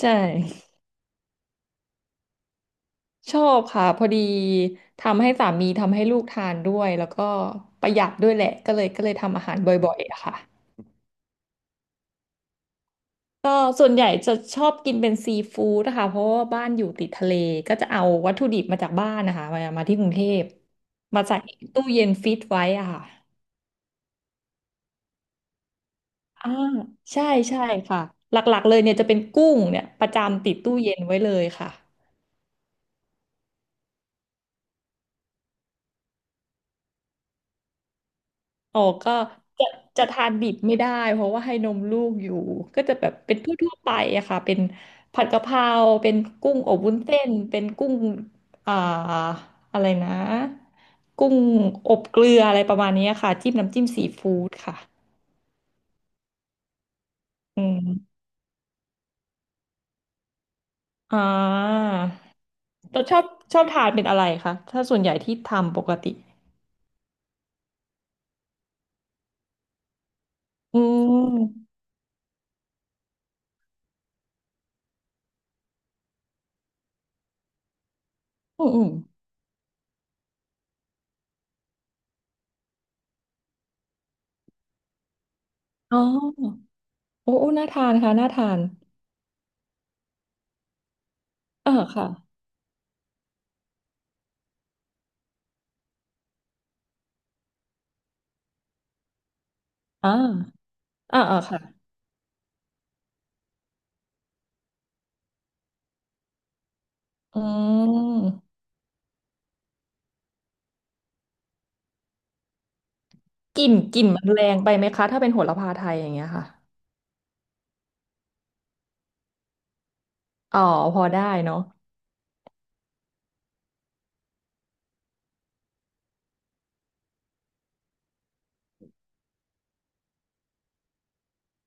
ใช่ชอบค่ะพอดีทำให้สามีทำให้ลูกทานด้วยแล้วก็ประหยัดด้วยแหละก็เลยทำอาหารบ่อยๆอะค่ะก็ส่วนใหญ่จะชอบกินเป็นซีฟู้ดนะคะเพราะว่าบ้านอยู่ติดทะเลก็จะเอาวัตถุดิบมาจากบ้านนะคะมาที่กรุงเทพมาใส่ตู้เย็นฟิตไว้อะค่ะอ่าใช่ใช่ค่ะหลักๆเลยเนี่ยจะเป็นกุ้งเนี่ยประจำติดตู้เย็นไว้เลยค่ะ อ๋อก็จะจะทานดิบไม่ได้เพราะว่าให้นมลูกอยู่ก็จะแบบเป็นทั่วๆไปอะค่ะเป็นผัดกะเพราเป็นกุ้งอบวุ้นเส้นเป็นกุ้งอ่าอะไรนะกุ้งอบเกลืออะไรประมาณนี้ค่ะจิ้มน้ำจิ้มซีฟู้ดค่ะอืมอ่าเราชอบทานเป็นอะไรคะถ้าส่วนใหญ่ที่ทำปกติอืมอืมอืมอ๋อโอ้โอ้น่าทานค่ะน่าทานเออค่ะอ่าอ่าอ่าค่ะ อืมกลิ่นมันแรงไปไหมคะถ้าเป็นโหระพาไทยอย่างเงี้ยค่ะอ๋อพอได้เนาะ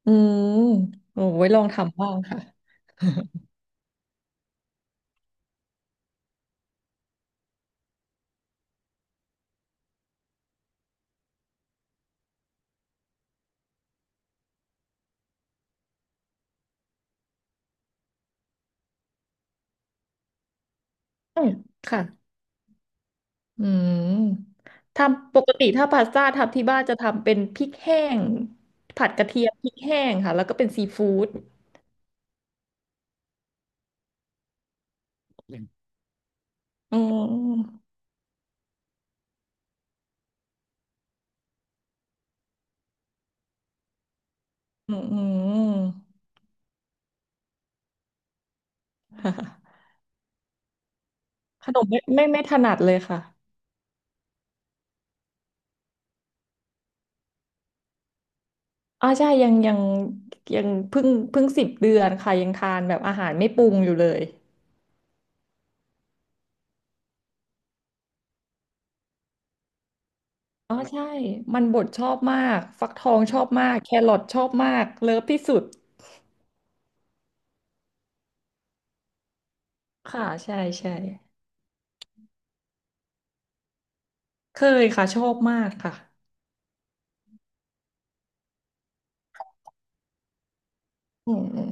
อืมโอ้ไว้ลองทำบ้างค่ะอืมค่ะอืมทำปกติถ้าพาสต้าทำที่บ้านจะทำเป็นพริกแห้งผัดกระเทียมพริกแห้งค่ะแล้วก็เป็นซีฟู้ดอืมอืมอืมค่ะขนมไม่ถนัดเลยค่ะอ๋อใช่ยังยังเพิ่ง10 เดือนค่ะยังทานแบบอาหารไม่ปรุงอยู่เลย อ๋อใช่มันบดชอบมากฟักทองชอบมากแครอทชอบมากเลิฟที่สุดค่ะใช่ใช่เคยค่ะชอบมากค่ะอืมอืม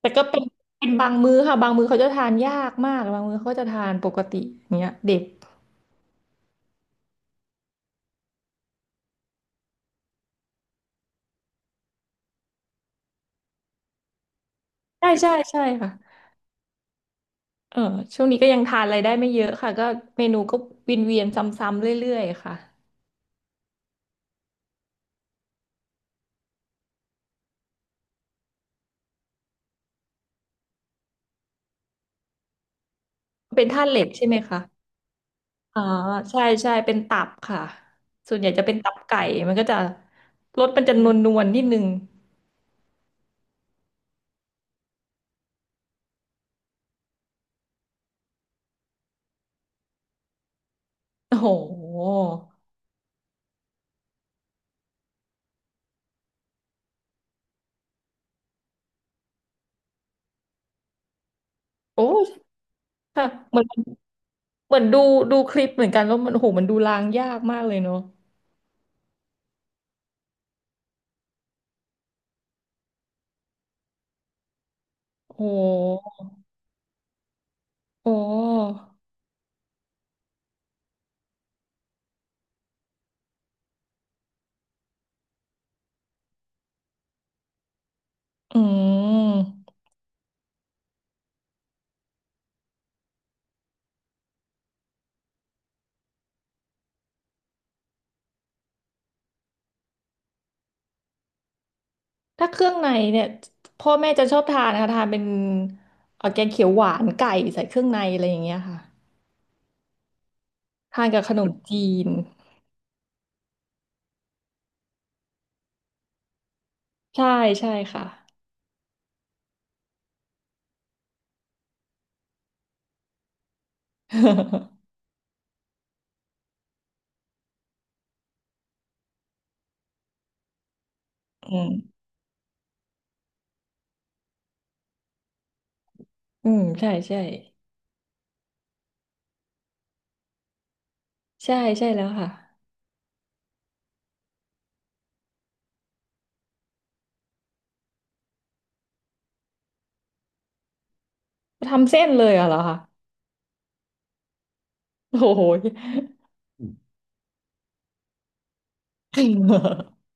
แต่ก็เป็นบางมื้อค่ะบางมื้อเขาจะทานยากมากบางมื้อเขาจะทานปกติอย่างเงี้ยเด็กใช่ใช่ใช่ค่ะเออช่วงนี้ก็ยังทานอะไรได้ไม่เยอะค่ะก็เมนูก็วนเวียนซ้ำๆเรื่อยๆค่ะเป็นธาตุเหล็กใช่ไหมคะอ๋อใช่ใช่เป็นตับค่ะส่วนใหญ่จะเป็นตับไก่มันก็จะรสมันจะนวลๆนิดนึง โอ้โหโอ้ยค่ะเหมือนดูคลิปเหมือนกันแล้วมันโอ้โหมันดูล้างยากมากเลยเนาะโอ้โหโอ้อืมถ้าเครื่องในเนี่ยพ่อแม่จะชอบทานนะคะทานเป็นแกงเขียวหวานไก่ใส่เครื่องในอะไรอย่างเงี้ยค่ะทานกับขนมจีน ใช่ใช่ค่ะ อืมอืมใช่ใช่ใช่ใช่แล้วค่ะทำเส้นเลยอะเหรอคะโอ้โห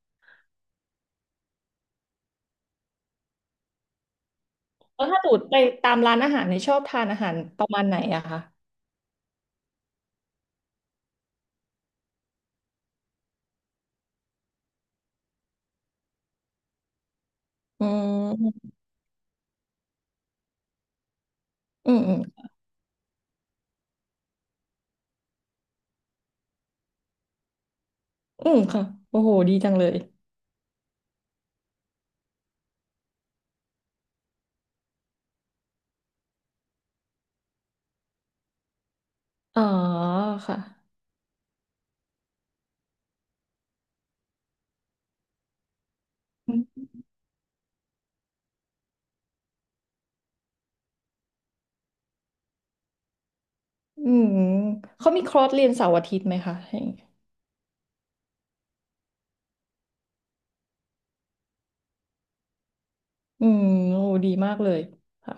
แล้วถ้าสูตไปตามร้านอาหารเนี่ยชอบทานอาหารประมาณไหนอะคะอืมอืมอืมอืมค่ะ โอ้โหดีจังเลย อ๋อค่ะอืมอืมเขามีคอร์สเรียนเสาร์อาทิตย์ไหมคะอย่างเงี้ยอืมโอ้ดีมากเลยค่ะ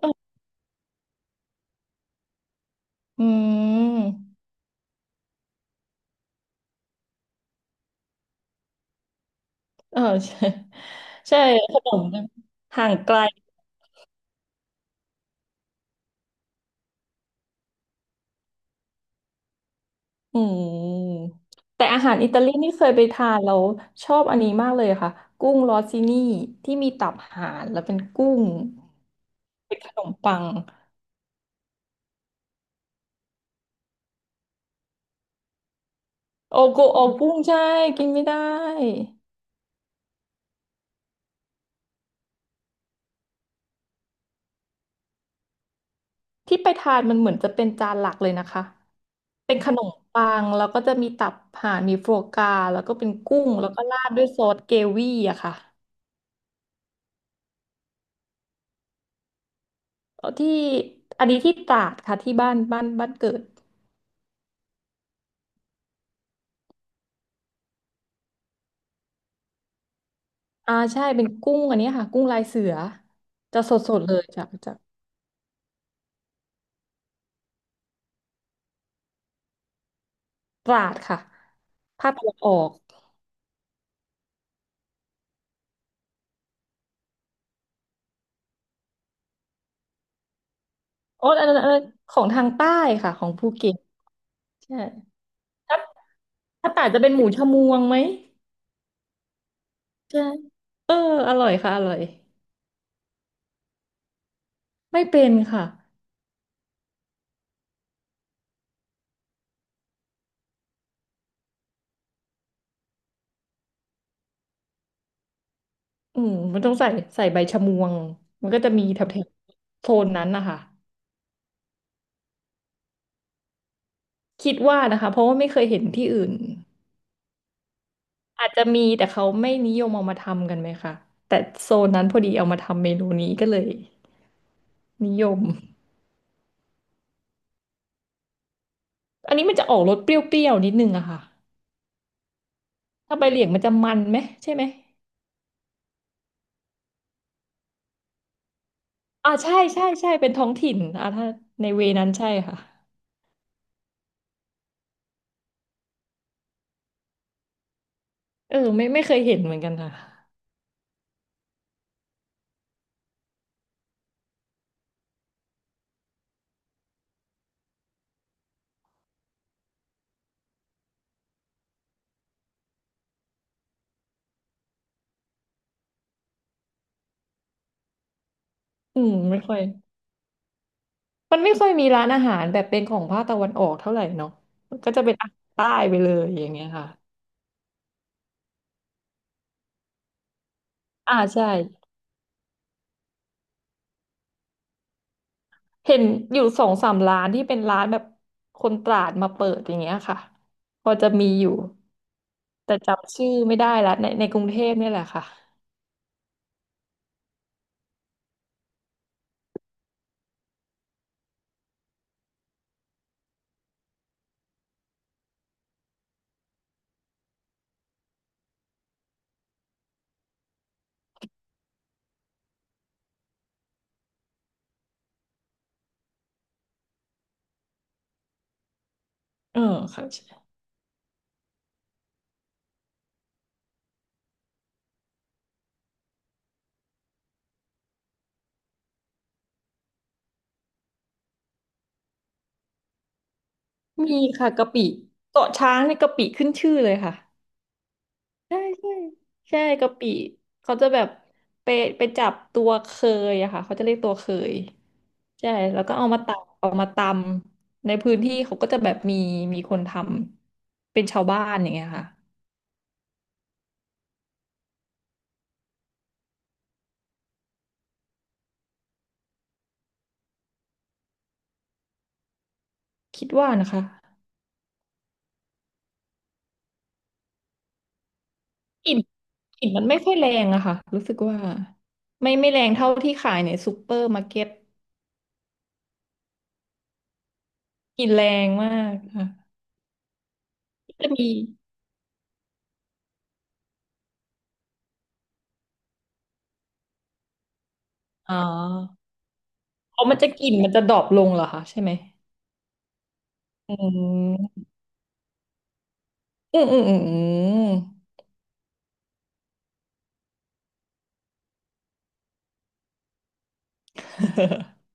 เอออืมเออใช่ใช่ขนมห่างไกล อืมแต่อาหารอิตาลีนี่เคยไปทานแล้วชอบอันนี้มากเลยค่ะกุ้งรอซินี่ที่มีตับห่านแล้วเป็นกุ้งเป็นขนมปังโอโกโอกุ้งใช่กินไม่ได้ที่ไปทานมันเหมือนจะเป็นจานหลักเลยนะคะเป็นขนมปังแล้วก็จะมีตับห่านมีโฟกาแล้วก็เป็นกุ้งแล้วก็ราดด้วยซอสเกวี่อะค่ะที่อันนี้ที่ตราดค่ะที่บ้านเกิด อ่าใช่เป็นกุ้งอันนี้ค่ะกุ้งลายเสือจะสดๆเลยจากตราดค่ะภาคตะวันออกอ๋ออันนั้นของทางใต้ค่ะของภูเก็ตใช่ถ้าถ้าตราดจะเป็นหมูชะมวงไหมใช่เอออร่อยค่ะอร่อยไม่เป็นค่ะอืมมันต้องใส่ใบชะมวงมันก็จะมีแถบๆโซนนั้นนะคะคิดว่านะคะเพราะว่าไม่เคยเห็นที่อื่นอาจจะมีแต่เขาไม่นิยมเอามาทำกันไหมคะแต่โซนนั้นพอดีเอามาทำเมนูนี้ก็เลย นิยมอันนี้มันจะออกรสเปรี้ยวๆนิดนึงอะค่ะถ้าใบเหลียงมันจะมันไหมใช่ไหม อ่าใช่ใช่ใช่เป็นท้องถิ่นอ่าถ้าในเวนั้นใช่ค่ะเออไม่ไม่เคยเห็นเหมือนกันค่ะอืมไม่ค่อย มันไม่ค่อยมีร้านอาหารแบบเป็นของภาคตะวันออกเท่าไหร่เนาะมันก็จะเป็นอาหารใต้ไปเลยอย่างเงี้ยค่ะอ่าใช่เห็นอยู่สองสามร้านที่เป็นร้านแบบคนตราดมาเปิดอย่างเงี้ยค่ะพอจะมีอยู่แต่จำชื่อไม่ได้ละในกรุงเทพเนี่ยแหละค่ะเออค่ะ มีค่ะกะปิเกาะช้างเนี่ยกะปิขึ้นชื่อเลยค่ะใช่ใช่ใช่กะปิเขาจะแบบไปไปจับตัวเคยอะค่ะเขาจะเรียกตัวเคยใช่แล้วก็เอามาตำเอามาตำในพื้นที่เขาก็จะแบบมีคนทำเป็นชาวบ้านอย่างเงี้ยค่ะคิดว่านะคะกลิ่นกลิ่นมันไม่ค่อยแรงอะค่ะรู้สึกว่าไม่แรงเท่าที่ขายในซูเปอร์มาร์เก็ตกลิ่นแรงมากค่ะจะมีอ๋อ อ๋อมันจะกลิ่นมันจะดรอปลงเหรอคะใช่ไหมอืมอืมอืมอืมอืม